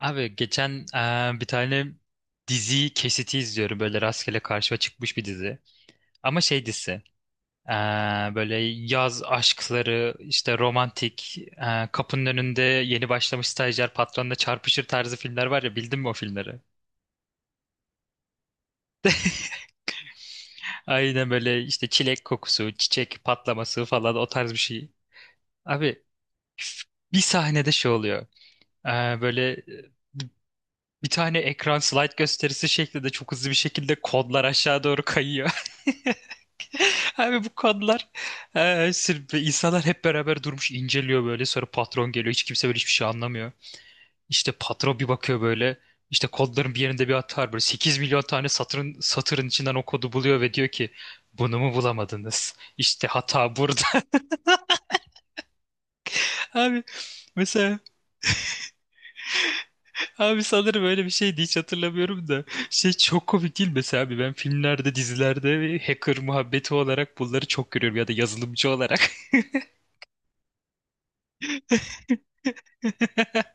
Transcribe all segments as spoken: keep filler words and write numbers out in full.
Abi geçen eee, bir tane dizi kesiti izliyorum böyle rastgele karşıma çıkmış bir dizi. Ama şey dizisi, eee, böyle yaz aşkları işte romantik, eee, kapının önünde yeni başlamış stajyer patronla çarpışır tarzı filmler var ya, bildin mi o filmleri? Aynen böyle işte çilek kokusu, çiçek patlaması falan o tarz bir şey. Abi üf, bir sahnede şey oluyor. Eee, böyle e, bir tane ekran slide gösterisi şeklinde çok hızlı bir şekilde kodlar aşağı doğru kayıyor. Abi bu kadınlar, e, sırf- insanlar hep beraber durmuş inceliyor böyle, sonra patron geliyor, hiç kimse böyle hiçbir şey anlamıyor. İşte patron bir bakıyor böyle, işte kodların bir yerinde bir hata var böyle, sekiz milyon tane satırın, satırın içinden o kodu buluyor ve diyor ki bunu mu bulamadınız? İşte hata burada. Abi mesela, abi sanırım öyle bir şeydi, hiç hatırlamıyorum da şey, çok komik değil mi? Mesela abi ben filmlerde, dizilerde hacker muhabbeti olarak bunları çok görüyorum ya da yazılımcı olarak.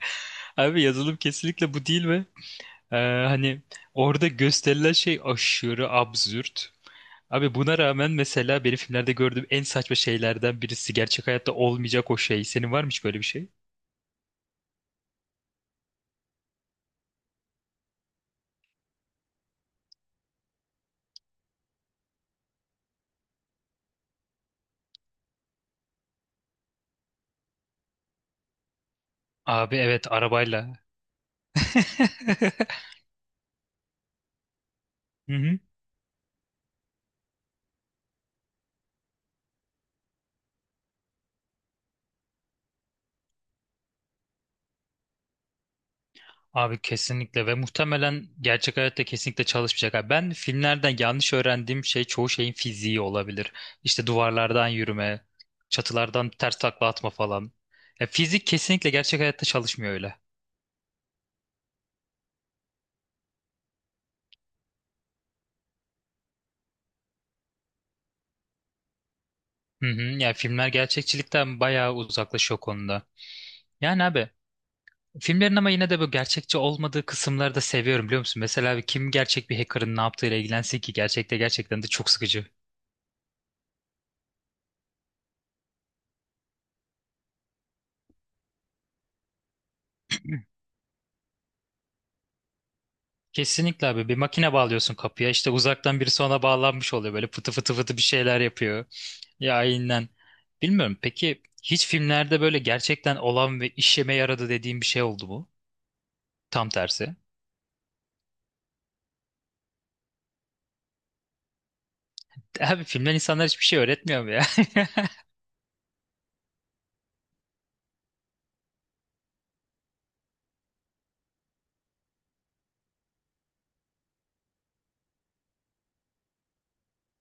Abi yazılım kesinlikle bu değil ve Ee, hani orada gösterilen şey aşırı absürt. Abi buna rağmen mesela benim filmlerde gördüğüm en saçma şeylerden birisi, gerçek hayatta olmayacak o şey. Senin var mı hiç böyle bir şey? Abi evet, arabayla. Hı hı. Abi kesinlikle, ve muhtemelen gerçek hayatta kesinlikle çalışmayacak. Abi ben filmlerden yanlış öğrendiğim şey çoğu şeyin fiziği olabilir. İşte duvarlardan yürüme, çatılardan ters takla atma falan. Ya fizik kesinlikle gerçek hayatta çalışmıyor öyle. Hı hı, yani filmler gerçekçilikten bayağı uzaklaşıyor o konuda. Yani abi, filmlerin ama yine de bu gerçekçi olmadığı kısımları da seviyorum biliyor musun? Mesela abi kim gerçek bir hacker'ın ne yaptığıyla ilgilensin ki, gerçekte gerçekten de çok sıkıcı. Kesinlikle abi, bir makine bağlıyorsun kapıya, işte uzaktan birisi ona bağlanmış oluyor, böyle fıtı fıtı fıtı bir şeyler yapıyor, ya aynen. Bilmiyorum, peki hiç filmlerde böyle gerçekten olan ve işeme yaradı dediğin bir şey oldu mu, tam tersi? Abi filmler insanlar hiçbir şey öğretmiyor mu ya?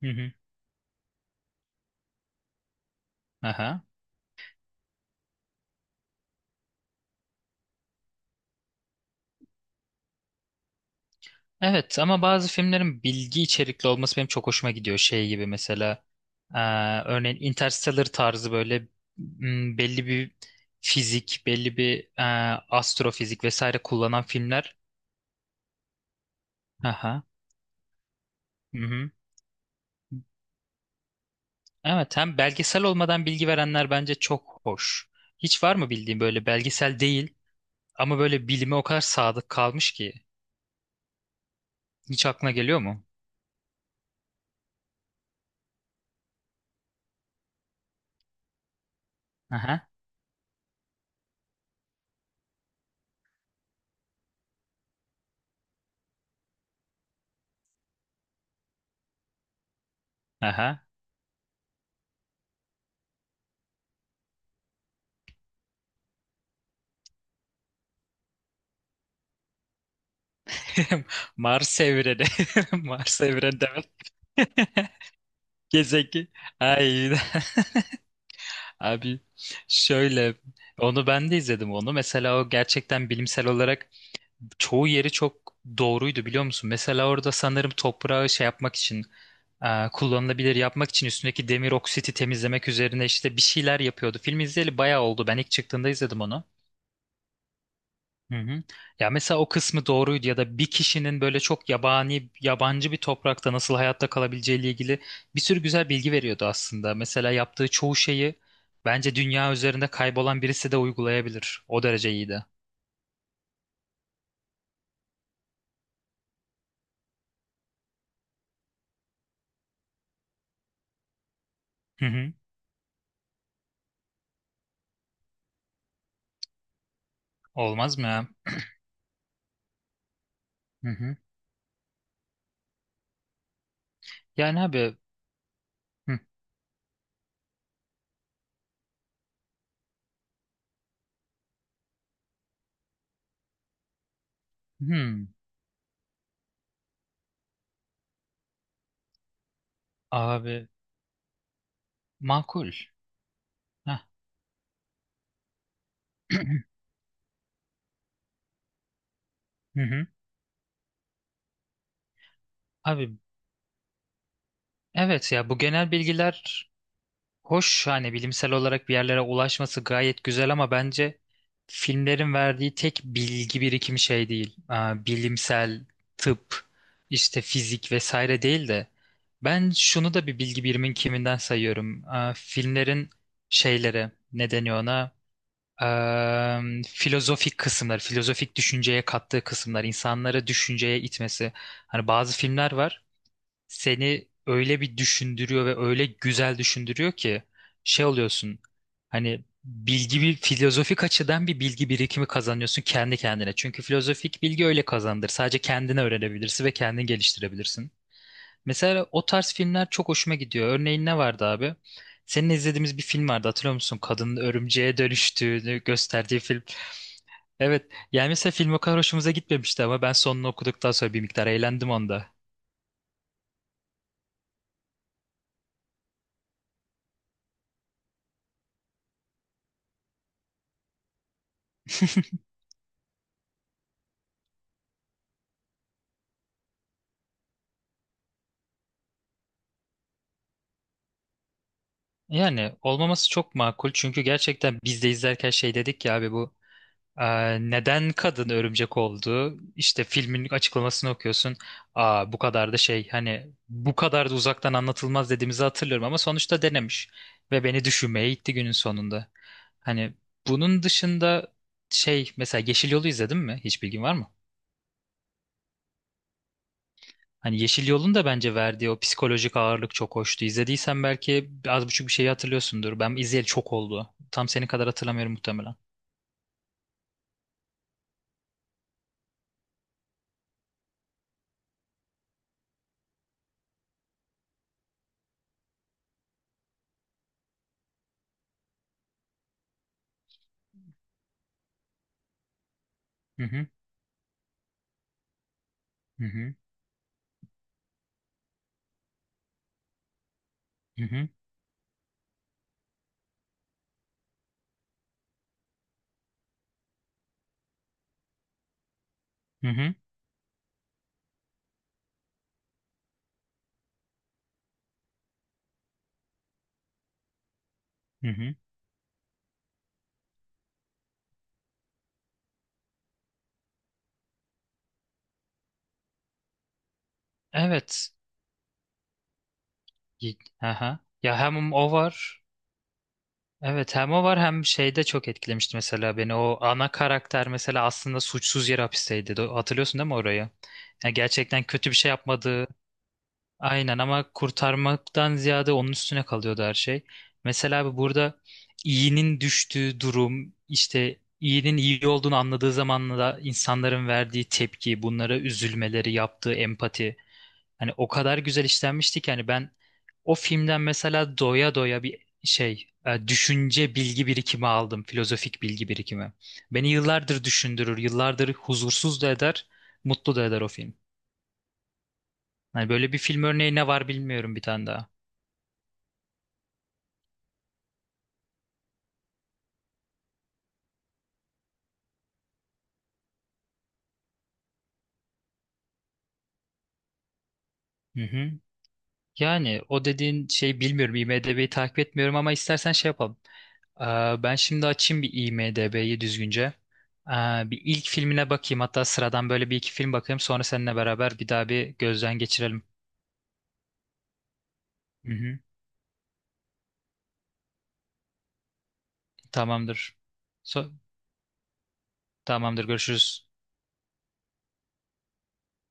Hı hı. Aha. Evet ama bazı filmlerin bilgi içerikli olması benim çok hoşuma gidiyor. Şey gibi, mesela eee, örneğin Interstellar tarzı böyle, m, belli bir fizik, belli bir eee, astrofizik vesaire kullanan filmler. Aha. Mhm. Evet, hem belgesel olmadan bilgi verenler bence çok hoş. Hiç var mı bildiğin böyle belgesel değil ama böyle bilime o kadar sadık kalmış ki? Hiç aklına geliyor mu? Aha. Aha. Mars evreni. Mars evreni demek. Gezegen. Ay. Abi şöyle, onu ben de izledim onu. Mesela o gerçekten bilimsel olarak çoğu yeri çok doğruydu biliyor musun? Mesela orada sanırım toprağı şey yapmak için, e, kullanılabilir yapmak için üstündeki demir oksiti temizlemek üzerine işte bir şeyler yapıyordu. Film izleyeli bayağı oldu. Ben ilk çıktığında izledim onu. Hı hı. Ya mesela o kısmı doğruydu, ya da bir kişinin böyle çok yabani, yabancı bir toprakta nasıl hayatta kalabileceğiyle ilgili bir sürü güzel bilgi veriyordu aslında. Mesela yaptığı çoğu şeyi bence dünya üzerinde kaybolan birisi de uygulayabilir. O derece iyiydi. Hı hı. Olmaz mı ya? Hı hı. Yani abi, hı. Hmm, abi makul. Heh. Hı hı. Abi evet ya, bu genel bilgiler hoş, hani bilimsel olarak bir yerlere ulaşması gayet güzel, ama bence filmlerin verdiği tek bilgi birikimi şey değil. Aa, bilimsel, tıp, işte fizik vesaire değil de ben şunu da bir bilgi birimin kiminden sayıyorum. Aa, filmlerin şeyleri ne deniyor ona? Eee, filozofik kısımlar, filozofik düşünceye kattığı kısımlar, insanları düşünceye itmesi. Hani bazı filmler var, seni öyle bir düşündürüyor ve öyle güzel düşündürüyor ki şey oluyorsun. Hani bilgi, bir filozofik açıdan bir bilgi birikimi kazanıyorsun kendi kendine. Çünkü filozofik bilgi öyle kazandır. Sadece kendine öğrenebilirsin ve kendini geliştirebilirsin. Mesela o tarz filmler çok hoşuma gidiyor. Örneğin ne vardı abi? Seninle izlediğimiz bir film vardı, hatırlıyor musun? Kadının örümceğe dönüştüğünü gösterdiği film. Evet. Yani mesela film o kadar hoşumuza gitmemişti ama ben sonunu okuduktan sonra bir miktar eğlendim onda. Yani olmaması çok makul, çünkü gerçekten biz de izlerken şey dedik ya abi, bu Ee, neden kadın örümcek oldu? İşte filmin açıklamasını okuyorsun. Aa, bu kadar da şey, hani bu kadar da uzaktan anlatılmaz dediğimizi hatırlıyorum, ama sonuçta denemiş ve beni düşünmeye itti günün sonunda. Hani bunun dışında, şey mesela Yeşil Yol'u izledin mi? Hiç bilgin var mı? Hani Yeşil Yol'un da bence verdiği o psikolojik ağırlık çok hoştu. İzlediysen belki az buçuk bir şeyi hatırlıyorsundur. Ben izleyeli çok oldu. Tam senin kadar hatırlamıyorum muhtemelen. Hı hı hı hı hı hı hı. Hı. Evet. Y-. Aha. Ya hem o var. Evet hem o var, hem şeyde çok etkilemişti mesela beni. O ana karakter mesela aslında suçsuz yere hapisteydi. Do-. Hatırlıyorsun değil mi orayı? Ya gerçekten kötü bir şey yapmadığı, aynen, ama kurtarmaktan ziyade onun üstüne kalıyordu her şey. Mesela abi burada iyinin düştüğü durum, işte iyinin iyi olduğunu anladığı zamanla da insanların verdiği tepki, bunlara üzülmeleri, yaptığı empati. Hani o kadar güzel işlenmişti ki, hani ben o filmden mesela doya doya bir şey, e, düşünce, bilgi birikimi aldım. Filozofik bilgi birikimi. Beni yıllardır düşündürür, yıllardır huzursuz da eder, mutlu da eder o film. Hani böyle bir film örneği ne var bilmiyorum, bir tane daha. Hı hı. Yani o dediğin şey, bilmiyorum. i m d b'yi takip etmiyorum ama istersen şey yapalım. Aa, ben şimdi açayım bir i m d b'yi düzgünce. Aa, bir ilk filmine bakayım. Hatta sıradan böyle bir iki film bakayım. Sonra seninle beraber bir daha bir gözden geçirelim. Hı hı. Tamamdır. So-. Tamamdır. Görüşürüz.